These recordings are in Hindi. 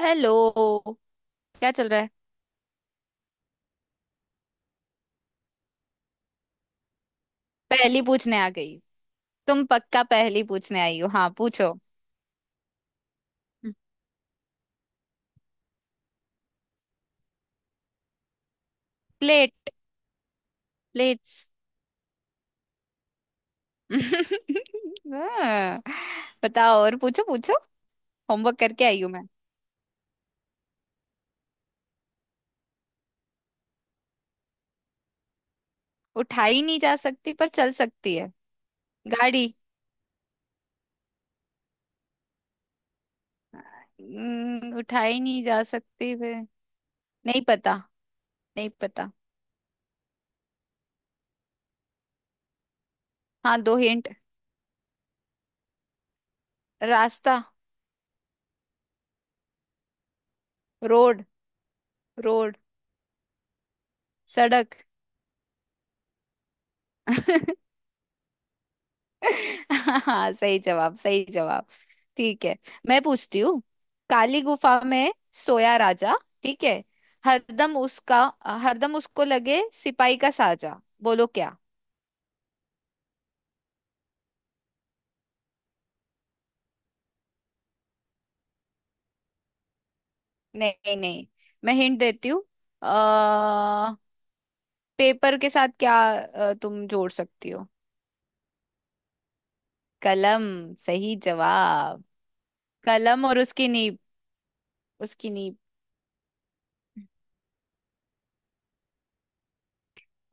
हेलो। क्या चल रहा है। पहेली पूछने आ गई। तुम पक्का पहेली पूछने आई हो। हाँ, पूछो। प्लेट। प्लेट्स। हाँ, बताओ और पूछो पूछो। होमवर्क करके आई हूँ मैं। उठाई नहीं जा सकती पर चल सकती है। गाड़ी। उठाई नहीं जा सकती वे। नहीं पता। नहीं पता। हाँ, दो हिंट। रास्ता। रोड। रोड। सड़क। हाँ, सही जवाब। सही जवाब। ठीक है। मैं पूछती हूँ। काली गुफा में सोया राजा। ठीक है। हरदम उसका हरदम उसको लगे सिपाही का साजा। बोलो क्या। नहीं नहीं। मैं हिंट देती हूँ। अ पेपर के साथ क्या तुम जोड़ सकती हो। कलम। सही जवाब। कलम और उसकी नीब। उसकी नीब।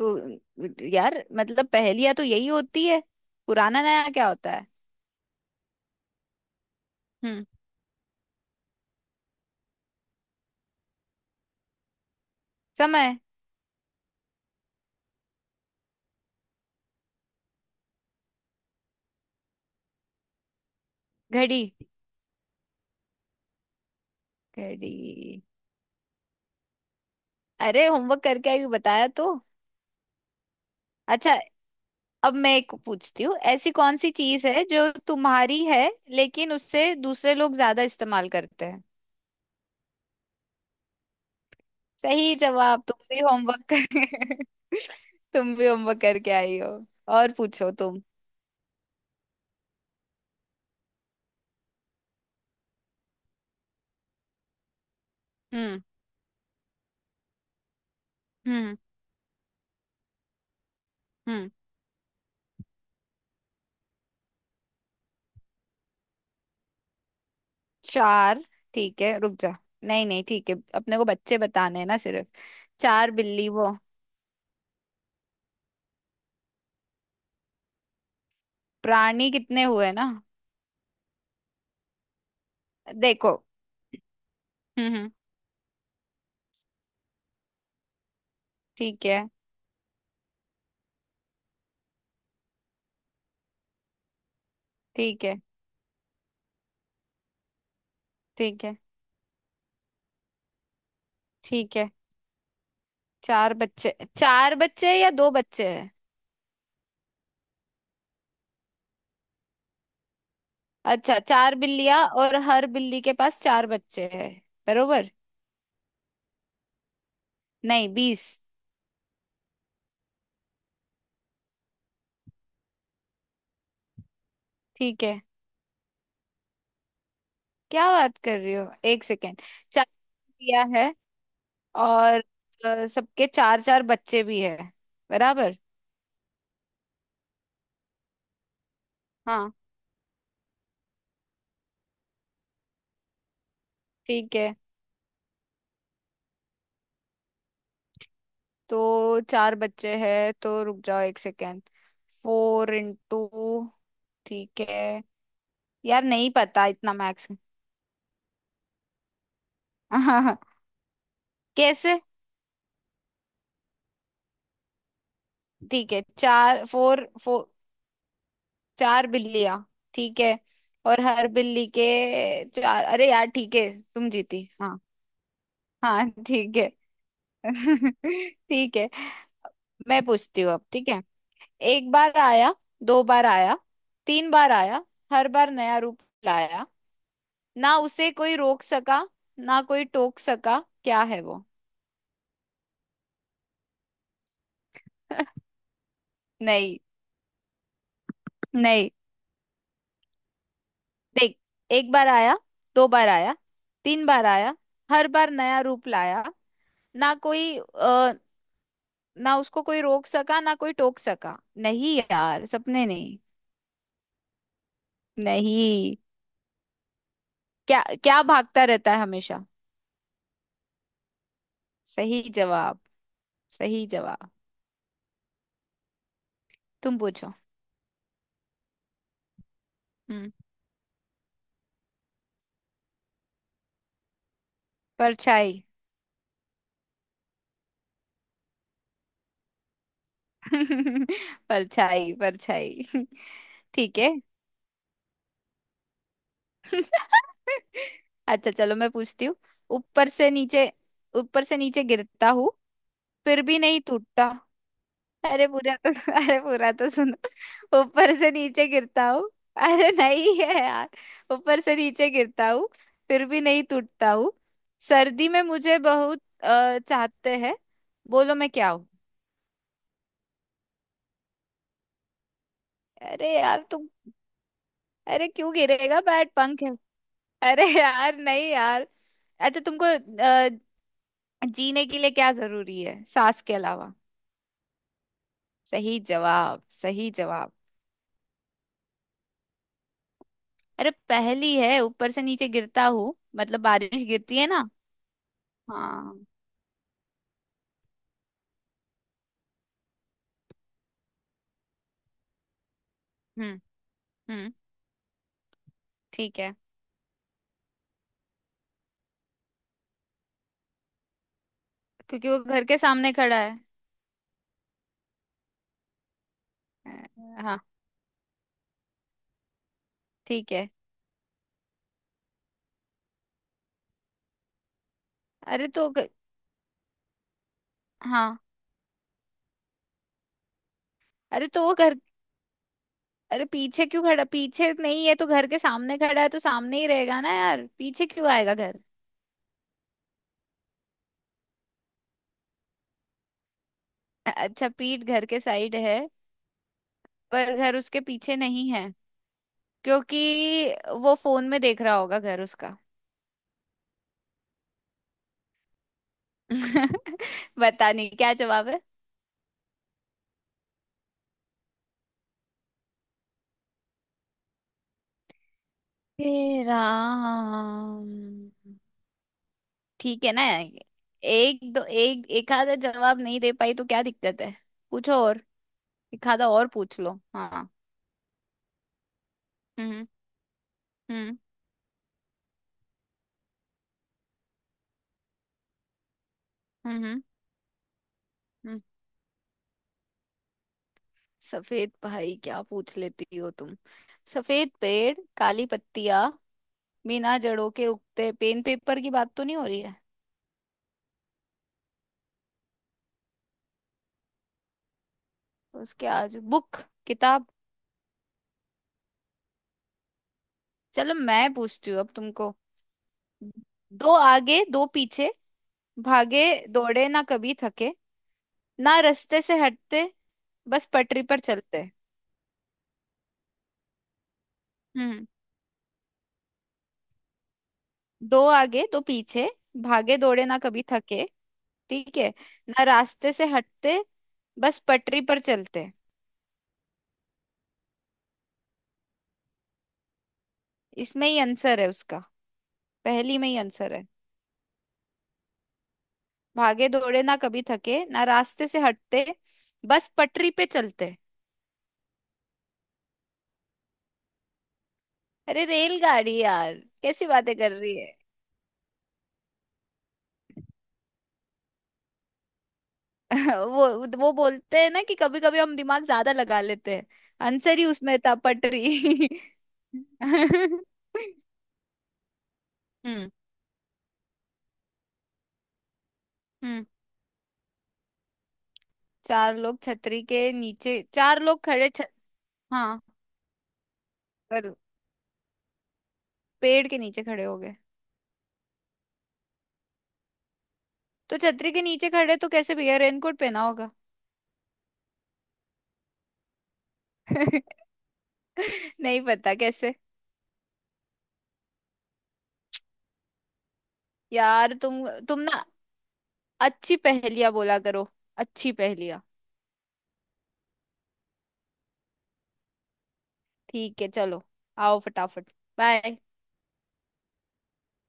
तो यार मतलब पहेलियां तो यही होती है। पुराना नया क्या होता है। हम्म समय। घड़ी। घड़ी। अरे होमवर्क करके आई बताया तो। अच्छा। अब मैं एक पूछती हूँ, ऐसी कौन सी चीज है जो तुम्हारी है लेकिन उससे दूसरे लोग ज्यादा इस्तेमाल करते हैं। सही जवाब। तुम भी होमवर्क कर। तुम भी होमवर्क करके आई हो। और पूछो तुम। हम्म। हम्म। हम्म। चार। ठीक है, रुक जा। नहीं नहीं, ठीक है, अपने को बच्चे बताने हैं ना सिर्फ। चार बिल्ली वो प्राणी कितने हुए ना। देखो। हम्म। हम्म। ठीक है। ठीक है। ठीक है। ठीक है। चार बच्चे। चार बच्चे या दो बच्चे हैं। अच्छा, चार बिल्लियां और हर बिल्ली के पास चार बच्चे हैं। बरोबर। नहीं, 20। ठीक है। क्या बात कर रही हो, एक सेकेंड। चार बिल्लियां है। और सबके चार चार बच्चे भी है। बराबर। हाँ, ठीक है। तो चार बच्चे हैं तो रुक जाओ एक सेकेंड। Four into. ठीक है। यार नहीं पता इतना मैक्स। कैसे। ठीक है, चार फोर। चार बिल्लियां। ठीक है। और हर बिल्ली के चार अरे यार ठीक है तुम जीती, हाँ। हाँ, ठीक है। ठीक है। मैं पूछती हूँ अब। ठीक है। एक बार आया, दो बार आया, तीन बार आया, हर बार नया रूप लाया, ना उसे कोई रोक सका ना कोई टोक सका। क्या है वो। नहीं नहीं। देख। एक बार आया, दो बार आया, तीन बार आया, हर बार नया रूप लाया। ना कोई ना उसको कोई रोक सका ना कोई टोक सका। नहीं यार, सपने नहीं। नहीं। क्या क्या भागता रहता है हमेशा। सही जवाब। सही जवाब। तुम पूछो। हम्म परछाई। परछाई, परछाई। ठीक है। अच्छा चलो मैं पूछती हूँ। ऊपर से नीचे ऊपर से नीचे गिरता हूँ, फिर भी नहीं टूटता। अरे पूरा तो अरे पूरा तो सुनो। ऊपर से नीचे गिरता हूँ। अरे नहीं है यार। ऊपर से नीचे गिरता हूँ, फिर भी नहीं टूटता हूँ। सर्दी में मुझे बहुत चाहते हैं। बोलो मैं क्या हूँ। अरे यार तुम। अरे क्यों गिरेगा बैट, पंख है। अरे यार नहीं यार। अच्छा तुमको जीने के लिए क्या जरूरी है सांस के अलावा। सही जवाब। सही जवाब। अरे पहली है, ऊपर से नीचे गिरता हूँ मतलब बारिश गिरती है ना। हाँ। हम्म। हम्म। ठीक है। क्योंकि वो घर के सामने खड़ा है। हाँ। ठीक है। अरे तो हाँ। अरे तो वो घर। अरे पीछे क्यों खड़ा, पीछे नहीं है तो घर के सामने खड़ा है तो सामने ही रहेगा ना यार। पीछे क्यों आएगा घर। अच्छा, पीठ घर के साइड है। पर घर उसके पीछे नहीं है। क्योंकि वो फोन में देख रहा होगा घर उसका। बता, नहीं क्या जवाब है। हे राम। ठीक है ना। एक दो एक एक आधा जवाब नहीं दे पाई तो क्या दिक्कत है। पूछो और। एक आधा और पूछ लो, हाँ। हम्म। हम्म। हम्म। हम्म। हम्म। सफेद, भाई क्या पूछ लेती हो तुम। सफेद पेड़ काली पत्तियां बिना जड़ों के उगते, पेन पेपर की बात तो नहीं हो रही है। उसके आजू बुक। किताब। चलो मैं पूछती हूँ अब तुमको। दो आगे दो पीछे, भागे दौड़े ना कभी थके, ना रास्ते से हटते, बस पटरी पर चलते। हम्म। दो आगे दो पीछे, भागे दौड़े ना कभी थके। ठीक है। ना रास्ते से हटते, बस पटरी पर चलते। इसमें ही आंसर है उसका। पहली में ही आंसर है। भागे दौड़े ना कभी थके, ना रास्ते से हटते, बस पटरी पे चलते। अरे रेलगाड़ी यार। कैसी बातें कर रही है। वो वो बोलते हैं ना कि कभी कभी हम दिमाग ज्यादा लगा लेते हैं। आंसर ही उसमें था, पटरी। हम्म। हम्म। चार लोग छतरी के नीचे चार लोग खड़े हाँ। पर पेड़ के नीचे खड़े हो गए। तो छतरी के नीचे खड़े तो कैसे भैया, रेनकोट पहना होगा। नहीं पता कैसे। यार, तुम ना अच्छी पहेलियां बोला करो। अच्छी पहेलियां। ठीक है, चलो। आओ फटाफट। बाय।